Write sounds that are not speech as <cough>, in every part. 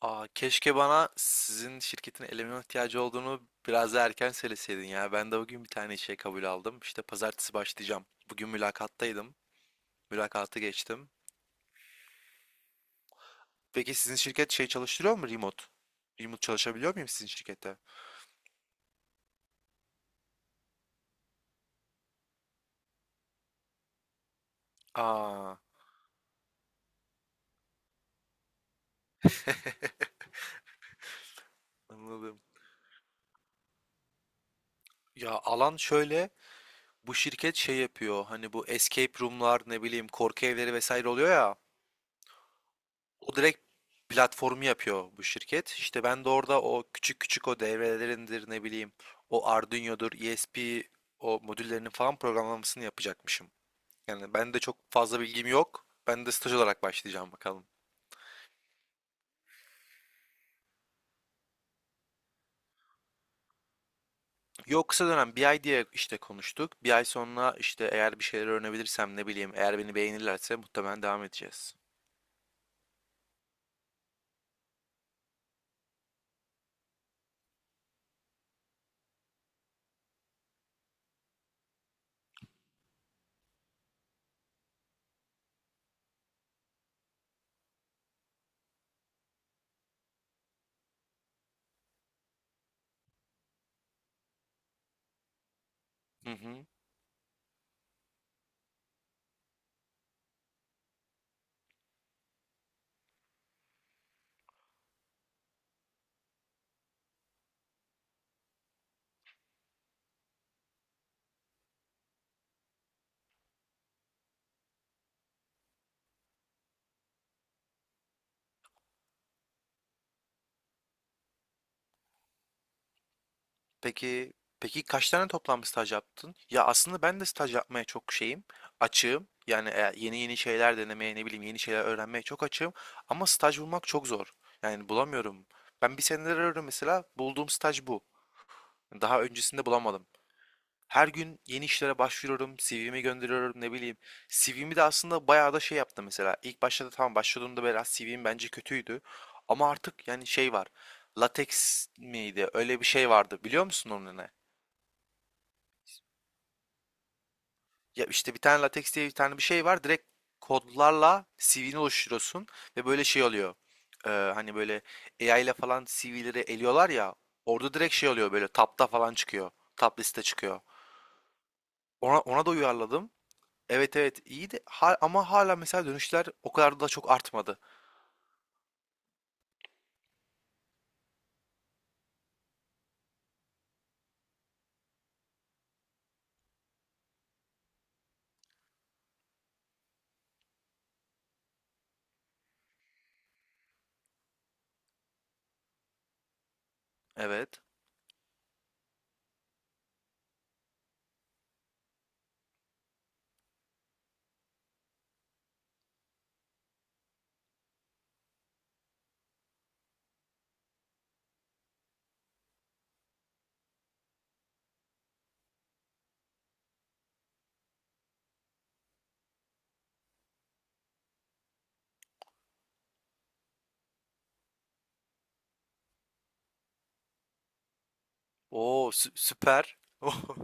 Keşke bana sizin şirketin eleman ihtiyacı olduğunu biraz daha erken söyleseydin ya. Ben de bugün bir tane işe kabul aldım. İşte pazartesi başlayacağım. Bugün mülakattaydım. Mülakatı geçtim. Peki sizin şirket şey çalıştırıyor mu remote? Remote çalışabiliyor muyum sizin şirkette? Aa, anladım. Ya alan şöyle. Bu şirket şey yapıyor. Hani bu escape room'lar ne bileyim korku evleri vesaire oluyor ya. O direkt platformu yapıyor bu şirket. İşte ben de orada o küçük küçük devrelerindir ne bileyim o Arduino'dur, ESP o modüllerinin falan programlamasını yapacakmışım. Yani ben de çok fazla bilgim yok. Ben de staj olarak başlayacağım bakalım. Yok, kısa dönem bir ay diye işte konuştuk. Bir ay sonra işte eğer bir şeyler öğrenebilirsem ne bileyim eğer beni beğenirlerse muhtemelen devam edeceğiz. Hı hı. Peki peki kaç tane toplam staj yaptın? Ya aslında ben de staj yapmaya çok açığım. Yani yeni yeni şeyler denemeye, ne bileyim yeni şeyler öğrenmeye çok açığım. Ama staj bulmak çok zor. Yani bulamıyorum. Ben bir senedir arıyorum mesela. Bulduğum staj bu. Daha öncesinde bulamadım. Her gün yeni işlere başvuruyorum, CV'mi gönderiyorum, ne bileyim. CV'mi de aslında bayağı da şey yaptım mesela. İlk başta da tamam başladığımda biraz CV'm bence kötüydü. Ama artık yani şey var. Latex miydi? Öyle bir şey vardı. Biliyor musun onun ne? Ya işte bir tane LaTeX diye bir tane bir şey var. Direkt kodlarla CV'ni oluşturuyorsun ve böyle şey oluyor. Hani böyle AI ile falan CV'leri eliyorlar ya. Orada direkt şey oluyor, böyle tapta falan çıkıyor. Top liste çıkıyor. Ona da uyarladım. Evet evet, iyiydi. Ama hala mesela dönüşler o kadar da çok artmadı. Evet. Oo, süper. <laughs>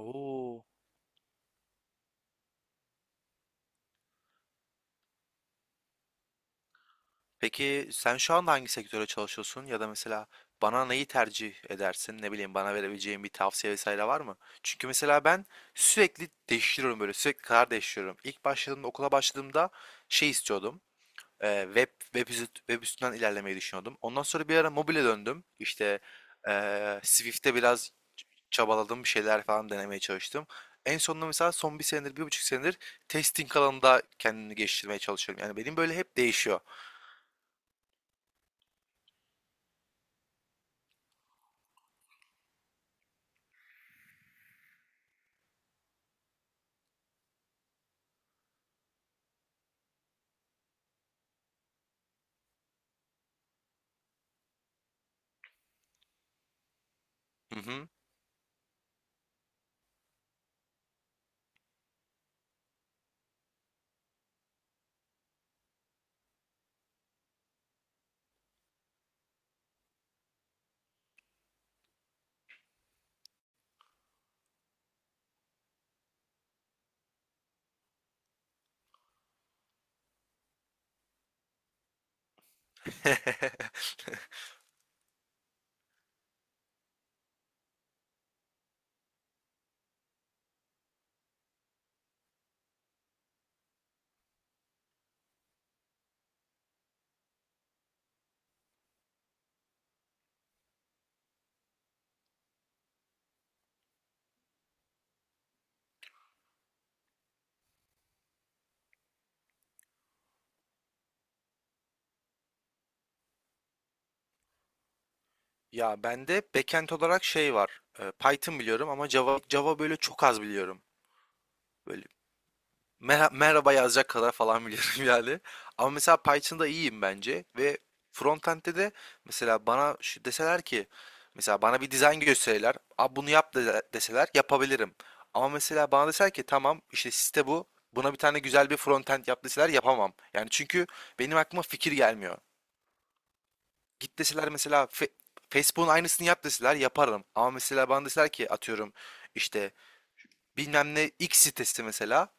Oo. Peki sen şu anda hangi sektöre çalışıyorsun, ya da mesela bana neyi tercih edersin? Ne bileyim bana verebileceğin bir tavsiye vesaire var mı? Çünkü mesela ben sürekli değiştiriyorum, böyle sürekli karar değiştiriyorum. İlk başladığımda, okula başladığımda şey istiyordum. Web web üstünden ilerlemeyi düşünüyordum. Ondan sonra bir ara mobile döndüm. İşte Swift'te biraz çabaladım, bir şeyler falan denemeye çalıştım. En sonunda mesela son bir senedir, bir buçuk senedir testing alanında kendimi geliştirmeye çalışıyorum. Yani benim böyle hep değişiyor. Hı hı. <laughs> Ya bende backend olarak şey var. E, Python biliyorum ama Java böyle çok az biliyorum. Böyle merhaba yazacak kadar falan <laughs> biliyorum yani. Ama mesela Python'da iyiyim bence ve frontend'de de mesela bana şu deseler ki, mesela bana bir dizayn gösterirler. Abi bunu yap deseler yapabilirim. Ama mesela bana deseler ki tamam işte site bu. Buna bir tane güzel bir frontend yap deseler yapamam. Yani çünkü benim aklıma fikir gelmiyor. Git deseler mesela Facebook'un aynısını yap deseler yaparım. Ama mesela bana deseler ki atıyorum işte bilmem ne X sitesi mesela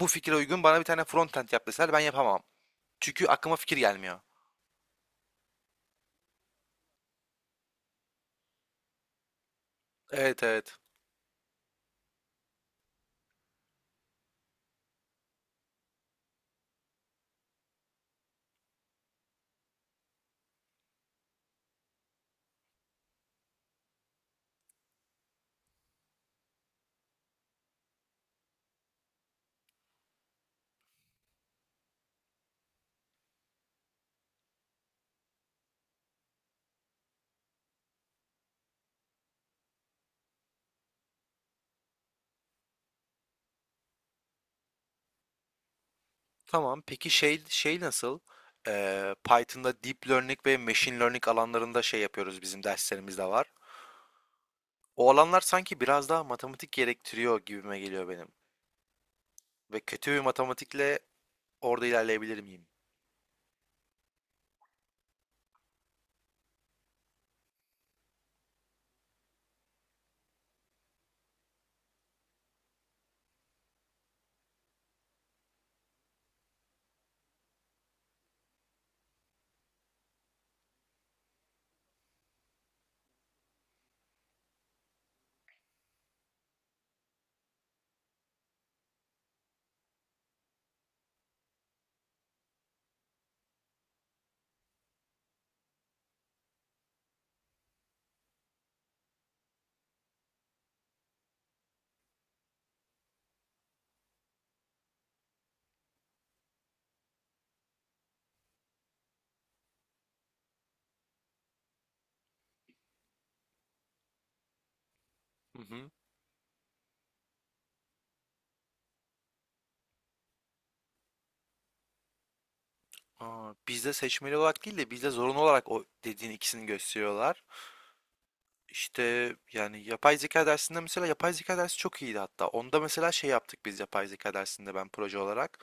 bu fikre uygun bana bir tane frontend yap deseler ben yapamam. Çünkü aklıma fikir gelmiyor. Evet evet. Tamam, peki şey nasıl? Python'da deep learning ve machine learning alanlarında şey yapıyoruz, bizim derslerimizde var. O alanlar sanki biraz daha matematik gerektiriyor gibime geliyor benim. Ve kötü bir matematikle orada ilerleyebilir miyim? Bizde seçmeli olarak değil de bizde zorunlu olarak o dediğin ikisini gösteriyorlar. İşte yani yapay zeka dersinde, mesela yapay zeka dersi çok iyiydi hatta. Onda mesela şey yaptık biz yapay zeka dersinde ben proje olarak.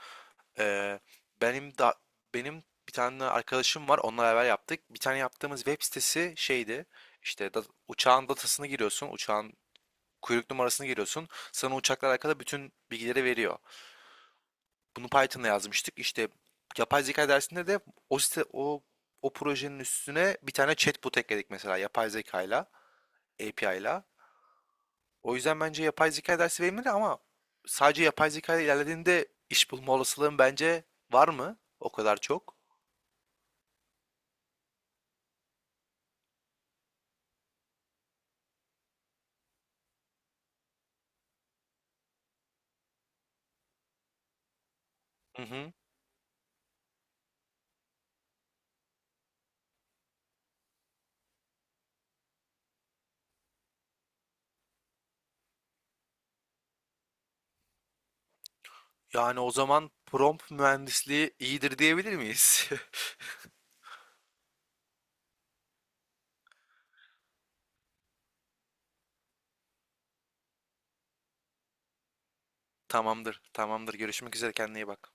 Ee, benim da benim bir tane arkadaşım var. Onunla beraber yaptık. Bir tane yaptığımız web sitesi şeydi. İşte uçağın datasını giriyorsun. Uçağın kuyruk numarasını giriyorsun. Sana uçakla alakalı bütün bilgileri veriyor. Bunu Python'la yazmıştık. İşte yapay zeka dersinde de o site, o projenin üstüne bir tane chatbot ekledik mesela yapay zekayla, API'la. O yüzden bence yapay zeka dersi verimli ama sadece yapay zeka ile ilerlediğinde iş bulma olasılığın bence var mı? O kadar çok. Hı hı. Yani o zaman prompt mühendisliği iyidir diyebilir miyiz? <laughs> Tamamdır, tamamdır. Görüşmek üzere. Kendine iyi bak.